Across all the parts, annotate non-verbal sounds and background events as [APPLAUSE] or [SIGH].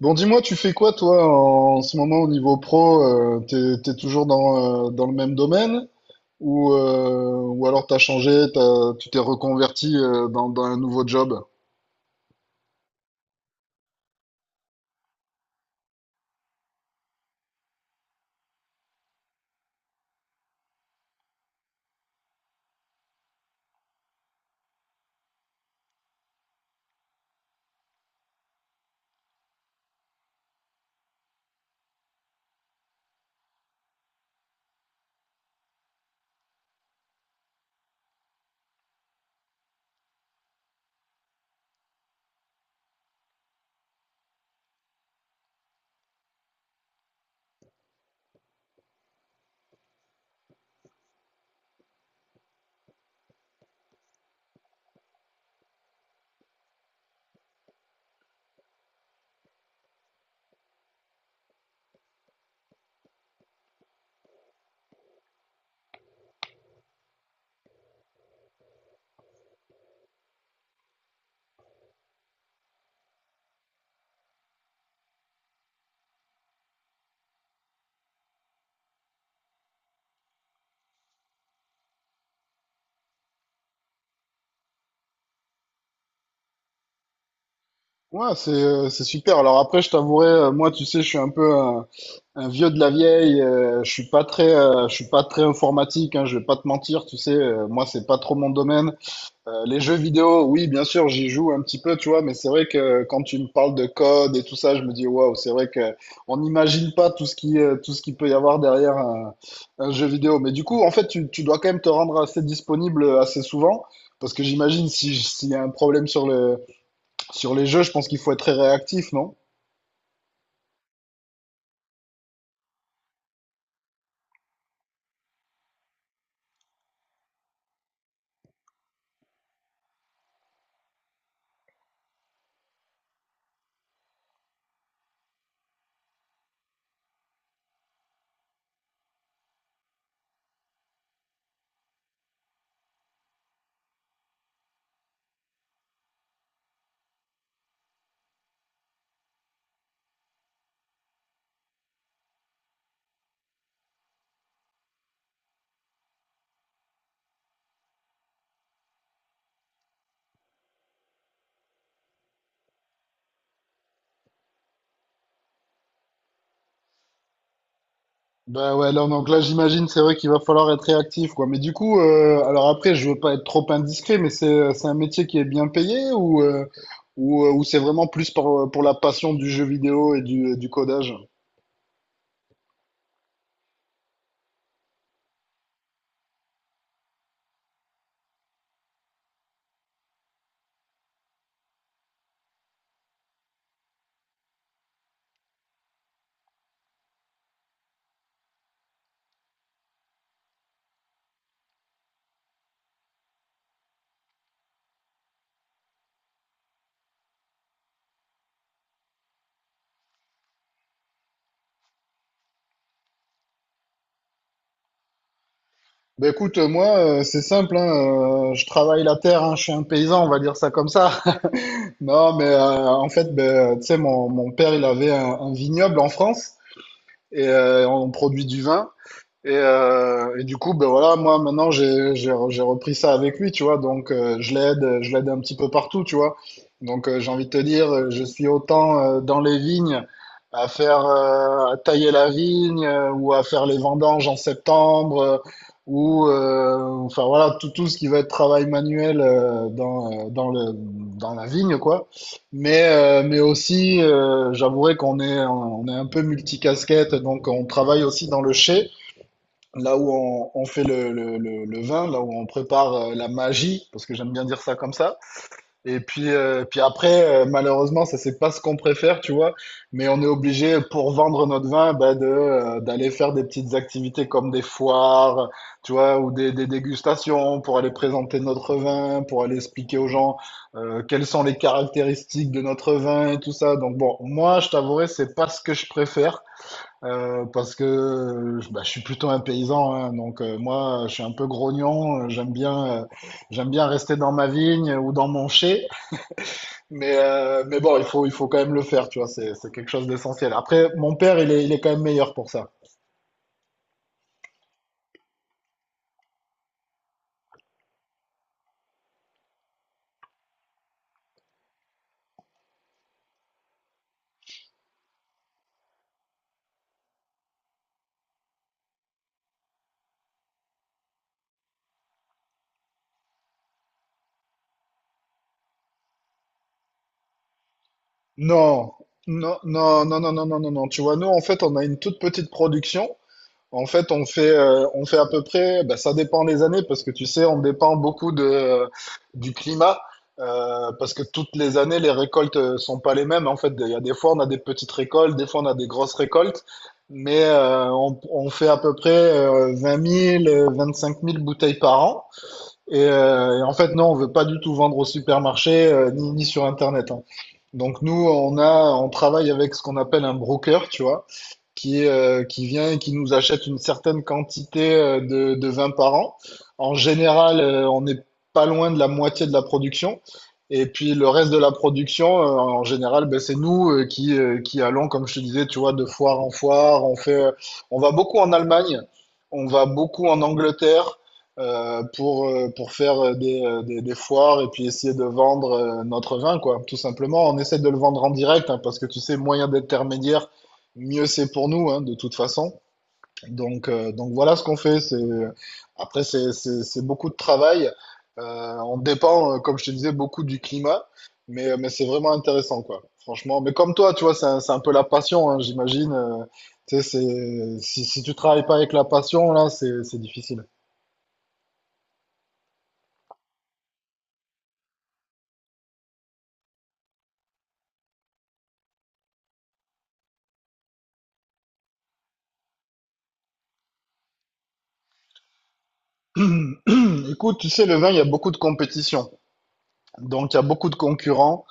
Bon, dis-moi, tu fais quoi toi ce moment au niveau pro? T'es toujours dans le même domaine ou alors t'as changé, tu t'es reconverti dans un nouveau job? Ouais, c'est super. Alors après, je t'avouerai, moi, tu sais, je suis un peu un vieux de la vieille. Je suis pas très informatique. Hein, je vais pas te mentir, tu sais, moi, c'est pas trop mon domaine. Les jeux vidéo, oui, bien sûr, j'y joue un petit peu, tu vois, mais c'est vrai que quand tu me parles de code et tout ça, je me dis, waouh, c'est vrai que on n'imagine pas tout ce tout ce qu'il peut y avoir derrière un jeu vidéo. Mais du coup, en fait, tu dois quand même te rendre assez disponible assez souvent, parce que j'imagine si, s'il y a un problème sur sur les jeux, je pense qu'il faut être très réactif, non? Bah ouais, là, donc là, j'imagine, c'est vrai qu'il va falloir être réactif, quoi. Mais du coup, alors après, je veux pas être trop indiscret, mais c'est un métier qui est bien payé ou c'est vraiment plus pour la passion du jeu vidéo et du codage? Bah écoute, moi, c'est simple, hein, je travaille la terre, hein, je suis un paysan, on va dire ça comme ça. [LAUGHS] Non, mais en fait, ben, tu sais, mon père, il avait un vignoble en France et on produit du vin. Et du coup, ben voilà, moi maintenant j'ai repris ça avec lui, tu vois. Donc je l'aide un petit peu partout, tu vois. Donc j'ai envie de te dire, je suis autant dans les vignes à faire à tailler la vigne ou à faire les vendanges en septembre ou enfin voilà tout tout ce qui va être travail manuel dans le dans la vigne quoi. Mais aussi, j'avouerai qu'on est un peu multicasquette, donc on travaille aussi dans le chai là où on fait le vin, là où on prépare la magie, parce que j'aime bien dire ça comme ça. Et puis, après, malheureusement, ça c'est pas ce qu'on préfère, tu vois. Mais on est obligé pour vendre notre vin, bah, de d'aller faire des petites activités comme des foires, tu vois, ou des dégustations pour aller présenter notre vin, pour aller expliquer aux gens quelles sont les caractéristiques de notre vin et tout ça. Donc bon, moi, je t'avouerai, c'est pas ce que je préfère. Parce que Bah, je suis plutôt un paysan, hein, donc moi je suis un peu grognon, j'aime bien rester dans ma vigne ou dans mon chai, mais bon, il faut quand même le faire, tu vois, c'est quelque chose d'essentiel. Après, mon père, il est quand même meilleur pour ça. Non, non, non, non, non, non, non, non, non, tu vois, nous en fait on a une toute petite production. En fait, on fait à peu près, bah, ça dépend des années, parce que tu sais, on dépend beaucoup du climat, parce que toutes les années, les récoltes sont pas les mêmes. En fait, il y a des fois, on a des petites récoltes, des fois, on a des grosses récoltes, mais on fait à peu près 20 000, 25 000 bouteilles par an. Et en fait, non, on veut pas du tout vendre au supermarché, ni sur Internet, hein. Donc nous, on travaille avec ce qu'on appelle un broker, tu vois qui vient et qui nous achète une certaine quantité de vin par an. En général, on n'est pas loin de la moitié de la production. Et puis le reste de la production, en général, ben, c'est nous qui allons, comme je te disais, tu vois, de foire en foire. On va beaucoup en Allemagne, on va beaucoup en Angleterre pour faire des foires et puis essayer de vendre notre vin, quoi, tout simplement. On essaie de le vendre en direct, hein, parce que tu sais, moyen d'intermédiaire, mieux c'est pour nous, hein, de toute façon. Donc voilà ce qu'on fait. C'est, après, C'est beaucoup de travail. On dépend, comme je te disais, beaucoup du climat. Mais c'est vraiment intéressant, quoi. Franchement. Mais comme toi, tu vois, c'est c'est un peu la passion, hein, j'imagine. Tu sais, c'est, si tu travailles pas avec la passion, là, c'est difficile. [CLEARS THROAT] Écoute, tu sais, le vin, il y a beaucoup de compétition. Donc, il y a beaucoup de concurrents.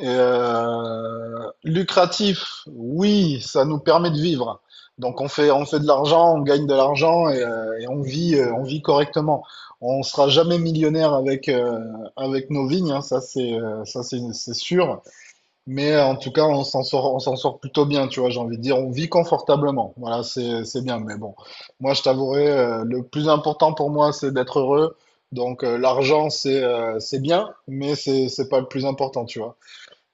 Lucratif, oui, ça nous permet de vivre. Donc on fait de l'argent, on gagne de l'argent et on vit correctement. On sera jamais millionnaire avec, avec nos vignes, hein, ça c'est sûr. Mais en tout cas, on s'en sort plutôt bien, tu vois, j'ai envie de dire. On vit confortablement. Voilà, c'est bien. Mais bon, moi, je t'avouerai, le plus important pour moi, c'est d'être heureux. Donc, l'argent, c'est bien, mais c'est pas le plus important, tu vois.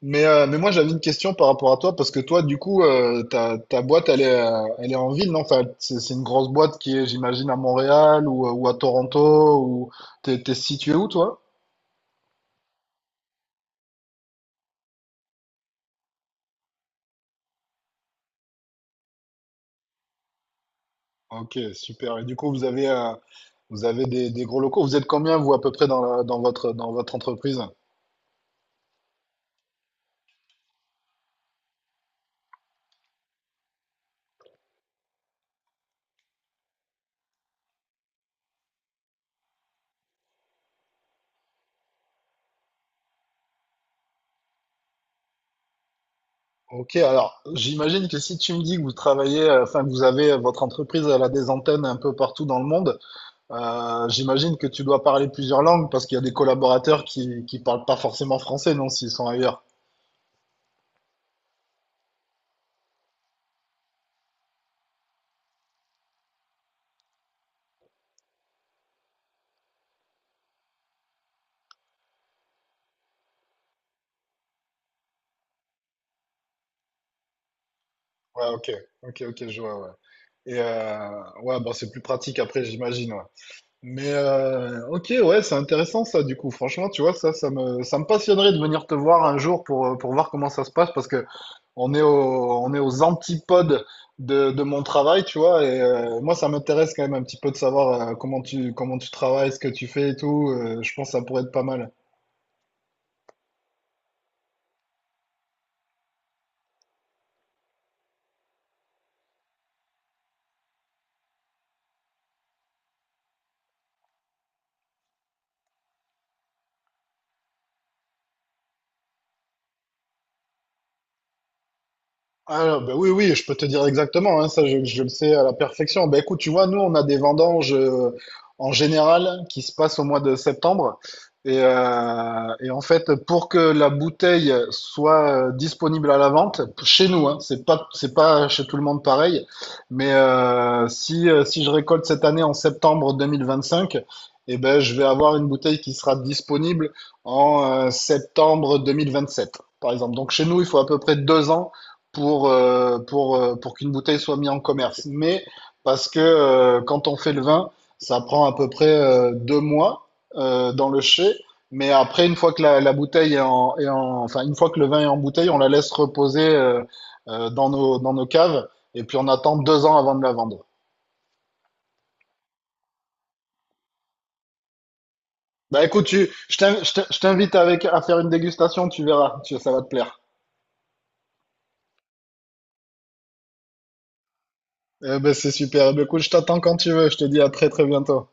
Mais moi, j'avais une question par rapport à toi, parce que toi, du coup, ta boîte, elle est en ville, non? Enfin, c'est une grosse boîte qui est, j'imagine, à Montréal ou à Toronto, ou t'es situé où, toi? Ok, super. Et du coup, vous avez des gros locaux. Vous êtes combien, vous, à peu près, dans votre entreprise? Ok, alors j'imagine que si tu me dis que vous travaillez, enfin que vous avez votre entreprise, elle a des antennes un peu partout dans le monde, j'imagine que tu dois parler plusieurs langues parce qu'il y a des collaborateurs qui parlent pas forcément français, non, s'ils sont ailleurs. Ouais, ok, ok, ok, je vois, ouais. Et ouais, bon, c'est plus pratique après, j'imagine, ouais. Mais ok, ouais, c'est intéressant ça du coup. Franchement, tu vois, ça me passionnerait de venir te voir un jour pour voir comment ça se passe parce que on on est aux antipodes de mon travail, tu vois. Et moi, ça m'intéresse quand même un petit peu de savoir comment tu travailles, ce que tu fais et tout. Je pense que ça pourrait être pas mal. Ah, bah oui, oui, je peux te dire exactement, hein, ça je le sais à la perfection. Bah écoute, tu vois, nous on a des vendanges en général qui se passent au mois de septembre. Et en fait, pour que la bouteille soit disponible à la vente, chez nous, hein, c'est pas chez tout le monde pareil, mais si je récolte cette année en septembre 2025, eh ben, je vais avoir une bouteille qui sera disponible en septembre 2027, par exemple. Donc chez nous, il faut à peu près 2 ans pour, pour qu'une bouteille soit mise en commerce. Mais parce que quand on fait le vin, ça prend à peu près 2 mois dans le chai. Mais après, une fois que la bouteille enfin, une fois que le vin est en bouteille, on la laisse reposer dans nos caves. Et puis on attend 2 ans avant de la vendre. Bah écoute, tu, je t'invite avec à faire une dégustation, tu verras, tu, ça va te plaire. Eh ben, c'est super. Eh ben, écoute, je t'attends quand tu veux. Je te dis à très très bientôt.